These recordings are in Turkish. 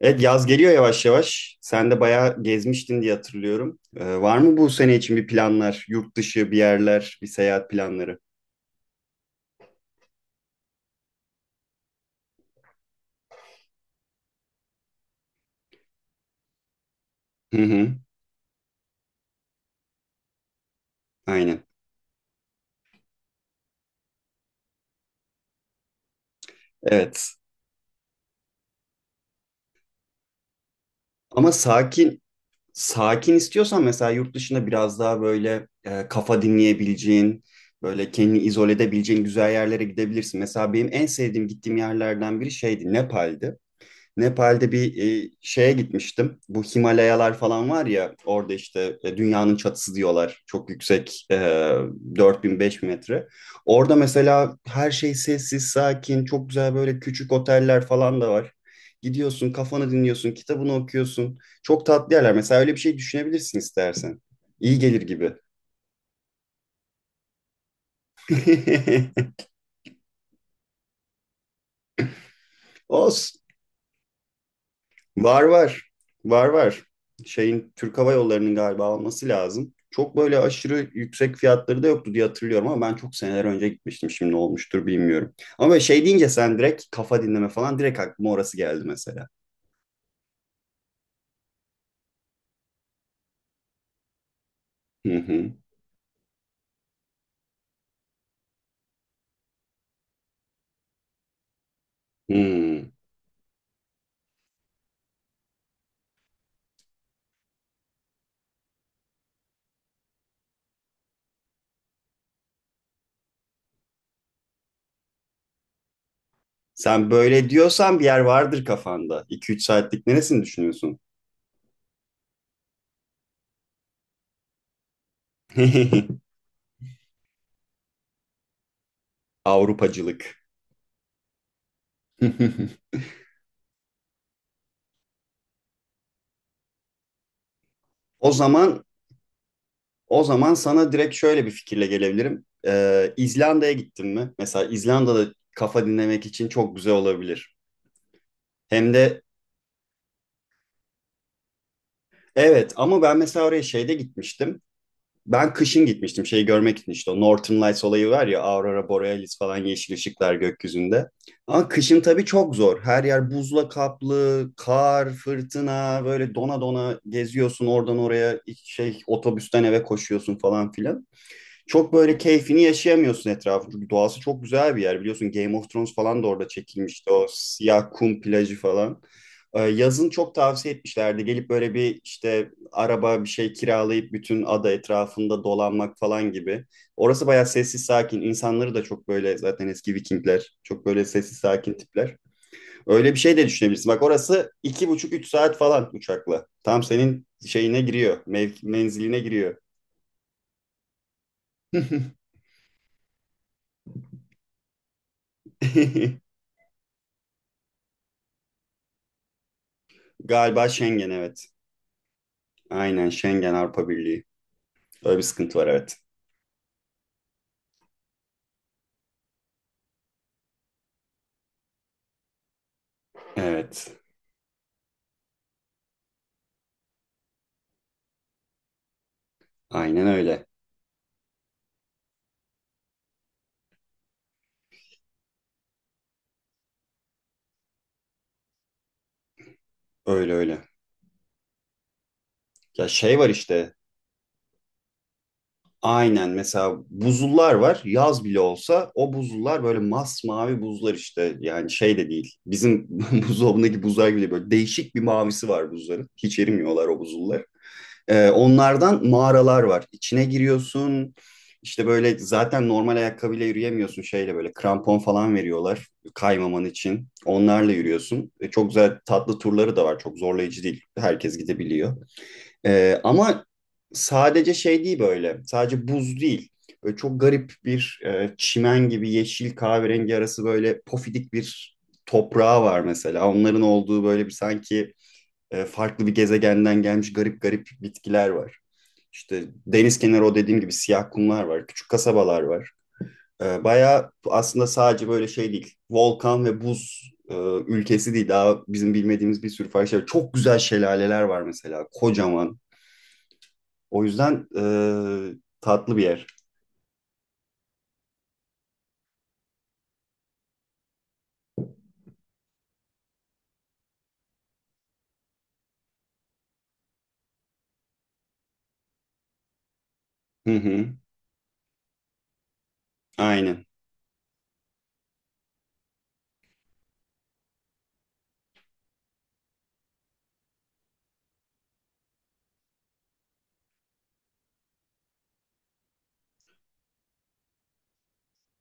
Evet yaz geliyor yavaş yavaş. Sen de bayağı gezmiştin diye hatırlıyorum. Var mı bu sene için bir planlar? Yurt dışı bir yerler, bir seyahat planları? Hı hı, aynen. Evet. Ama sakin istiyorsan mesela yurt dışında biraz daha böyle kafa dinleyebileceğin, böyle kendini izole edebileceğin güzel yerlere gidebilirsin. Mesela benim en sevdiğim gittiğim yerlerden biri şeydi, Nepal'di. Nepal'de bir şeye gitmiştim. Bu Himalayalar falan var ya orada işte dünyanın çatısı diyorlar. Çok yüksek 4000-5000 metre. Orada mesela her şey sessiz, sakin, çok güzel böyle küçük oteller falan da var. Gidiyorsun, kafanı dinliyorsun, kitabını okuyorsun. Çok tatlı yerler. Mesela öyle bir şey düşünebilirsin istersen. İyi gelir gibi. Olsun. Var var. Var var. Şeyin Türk Hava Yolları'nın galiba alması lazım. Çok böyle aşırı yüksek fiyatları da yoktu diye hatırlıyorum ama ben çok seneler önce gitmiştim. Şimdi ne olmuştur bilmiyorum. Ama böyle şey deyince sen direkt kafa dinleme falan direkt aklıma orası geldi mesela. Hı hı. Hmm. Sen böyle diyorsan bir yer vardır kafanda. iki üç saatlik neresini düşünüyorsun? Avrupacılık. O zaman O zaman sana direkt şöyle bir fikirle gelebilirim. İzlanda'ya gittin mi? Mesela İzlanda'da kafa dinlemek için çok güzel olabilir. Hem de evet ama ben mesela oraya şeyde gitmiştim. Ben kışın gitmiştim şeyi görmek için işte o Northern Lights olayı var ya Aurora Borealis falan yeşil ışıklar gökyüzünde. Ama kışın tabii çok zor. Her yer buzla kaplı, kar, fırtına böyle dona dona geziyorsun oradan oraya şey otobüsten eve koşuyorsun falan filan. Çok böyle keyfini yaşayamıyorsun etrafı. Çünkü doğası çok güzel bir yer. Biliyorsun Game of Thrones falan da orada çekilmişti. O siyah kum plajı falan. Yazın çok tavsiye etmişlerdi. Gelip böyle bir işte araba bir şey kiralayıp bütün ada etrafında dolanmak falan gibi. Orası bayağı sessiz sakin. İnsanları da çok böyle zaten eski Vikingler. Çok böyle sessiz sakin tipler. Öyle bir şey de düşünebilirsin. Bak orası iki buçuk üç saat falan uçakla. Tam senin şeyine giriyor. Menziline giriyor. Galiba Schengen evet. Aynen Schengen Avrupa Birliği. Böyle bir sıkıntı var evet. Evet. Aynen öyle. Öyle öyle. Ya şey var işte. Aynen mesela buzullar var. Yaz bile olsa o buzullar böyle masmavi buzlar işte. Yani şey de değil. Bizim buzdolabındaki buzlar gibi böyle değişik bir mavisi var buzların. Hiç erimiyorlar o buzullar. Onlardan mağaralar var. İçine giriyorsun. İşte böyle zaten normal ayakkabıyla yürüyemiyorsun şeyle böyle krampon falan veriyorlar kaymaman için. Onlarla yürüyorsun. Çok güzel tatlı turları da var. Çok zorlayıcı değil. Herkes gidebiliyor. Ama sadece şey değil böyle. Sadece buz değil. Böyle çok garip bir çimen gibi yeşil kahverengi arası böyle pofidik bir toprağı var mesela. Onların olduğu böyle bir sanki farklı bir gezegenden gelmiş garip garip bitkiler var. İşte deniz kenarı o dediğim gibi siyah kumlar var, küçük kasabalar var. Bayağı aslında sadece böyle şey değil, volkan ve buz ülkesi değil. Daha bizim bilmediğimiz bir sürü farklı şey var. Çok güzel şelaleler var mesela, kocaman. O yüzden tatlı bir yer. Hı hı, aynen.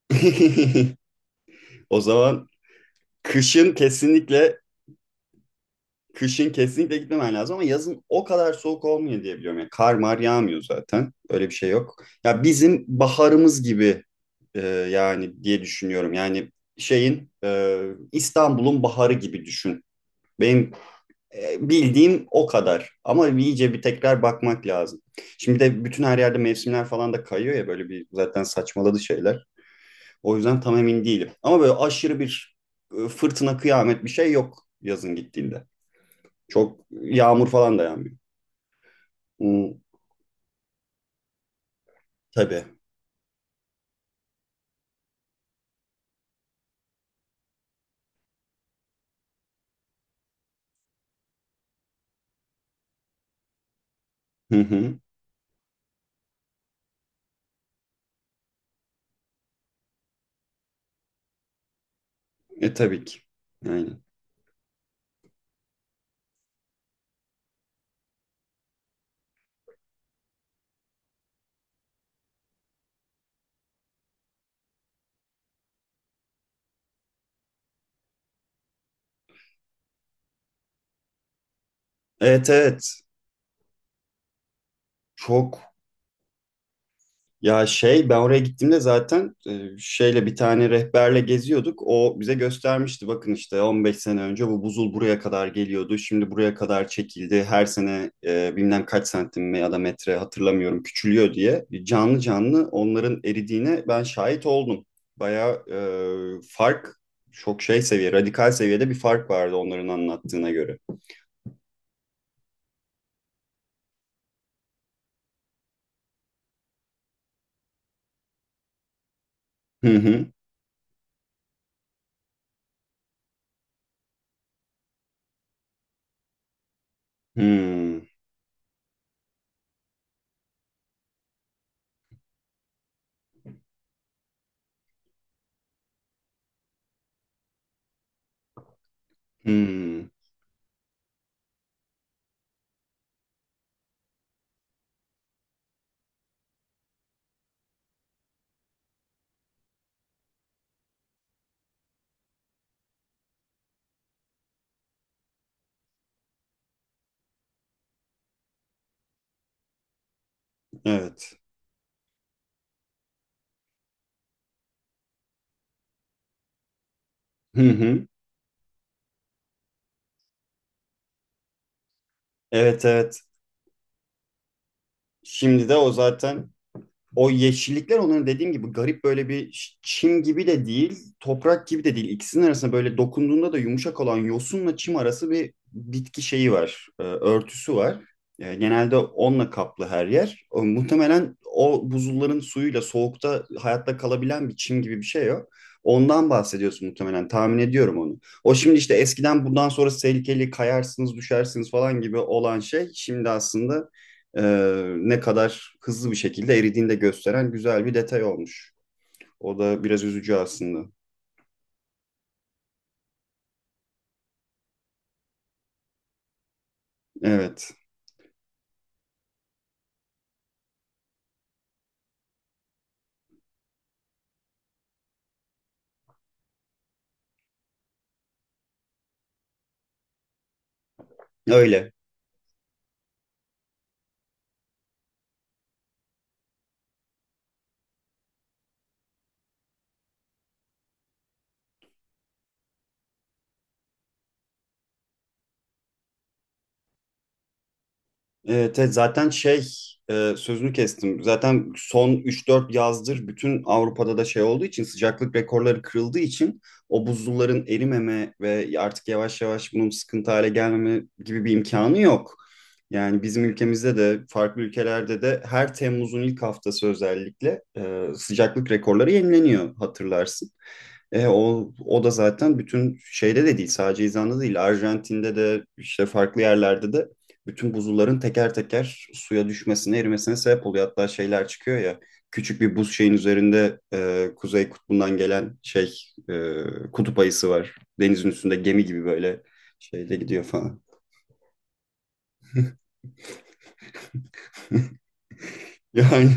O zaman kışın kesinlikle kışın kesinlikle gitmemen lazım ama yazın o kadar soğuk olmuyor diye biliyorum. Yani kar mar yağmıyor zaten. Öyle bir şey yok. Ya bizim baharımız gibi yani diye düşünüyorum. Yani şeyin İstanbul'un baharı gibi düşün. Benim bildiğim o kadar. Ama iyice bir tekrar bakmak lazım. Şimdi de bütün her yerde mevsimler falan da kayıyor ya böyle bir zaten saçmaladı şeyler. O yüzden tam emin değilim. Ama böyle aşırı bir fırtına kıyamet bir şey yok yazın gittiğinde. Çok yağmur falan da yağmıyor. Hmm, tabii. Hı hı. E tabii ki. Aynen. Evet evet. Çok. Ya şey ben oraya gittiğimde zaten şeyle bir tane rehberle geziyorduk. O bize göstermişti bakın işte 15 sene önce bu buzul buraya kadar geliyordu. Şimdi buraya kadar çekildi. Her sene bilmem kaç santim ya da metre hatırlamıyorum küçülüyor diye. Canlı canlı onların eridiğine ben şahit oldum. Bayağı fark çok şey seviye radikal seviyede bir fark vardı onların anlattığına göre. Hı hı. Hmm. Hmm. Evet. Hı hı. Evet evet. Şimdi de o zaten o yeşillikler onların dediğim gibi garip böyle bir çim gibi de değil, toprak gibi de değil. İkisinin arasında böyle dokunduğunda da yumuşak olan yosunla çim arası bir bitki şeyi var, örtüsü var. Genelde onunla kaplı her yer. O, muhtemelen o buzulların suyuyla soğukta hayatta kalabilen bir çim gibi bir şey o. Ondan bahsediyorsun muhtemelen. Tahmin ediyorum onu. O şimdi işte eskiden bundan sonra tehlikeli kayarsınız, düşersiniz falan gibi olan şey şimdi aslında e, ne kadar hızlı bir şekilde eridiğini de gösteren güzel bir detay olmuş. O da biraz üzücü aslında. Evet, öyle. Evet, evet, zaten şey sözünü kestim. Zaten son üç dört yazdır bütün Avrupa'da da şey olduğu için sıcaklık rekorları kırıldığı için o buzulların erimeme ve artık yavaş yavaş bunun sıkıntı hale gelmeme gibi bir imkanı yok. Yani bizim ülkemizde de farklı ülkelerde de her Temmuz'un ilk haftası özellikle sıcaklık rekorları yenileniyor hatırlarsın. O da zaten bütün şeyde de değil sadece İzlanda değil Arjantin'de de işte farklı yerlerde de bütün buzulların teker teker suya düşmesine erimesine sebep oluyor. Hatta şeyler çıkıyor ya küçük bir buz şeyin üzerinde Kuzey Kutbu'ndan gelen şey e, kutup ayısı var. Denizin üstünde gemi gibi böyle şeyde gidiyor falan. Yani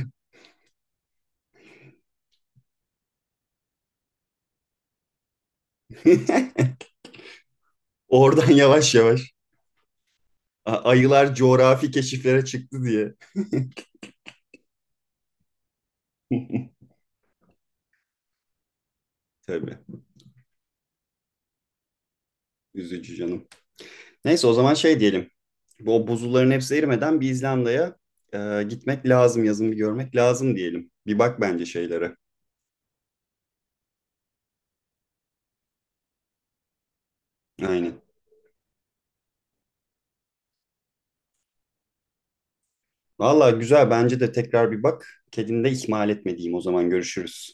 oradan yavaş yavaş ayılar coğrafi keşiflere çıktı diye. Tabii üzücü canım. Neyse o zaman şey diyelim. Bu o buzulların hepsi erimeden bir İzlanda'ya gitmek lazım, yazın bir görmek lazım diyelim. Bir bak bence şeylere. Aynen. Valla güzel bence de tekrar bir bak. Kedini de ihmal etmediğim o zaman görüşürüz.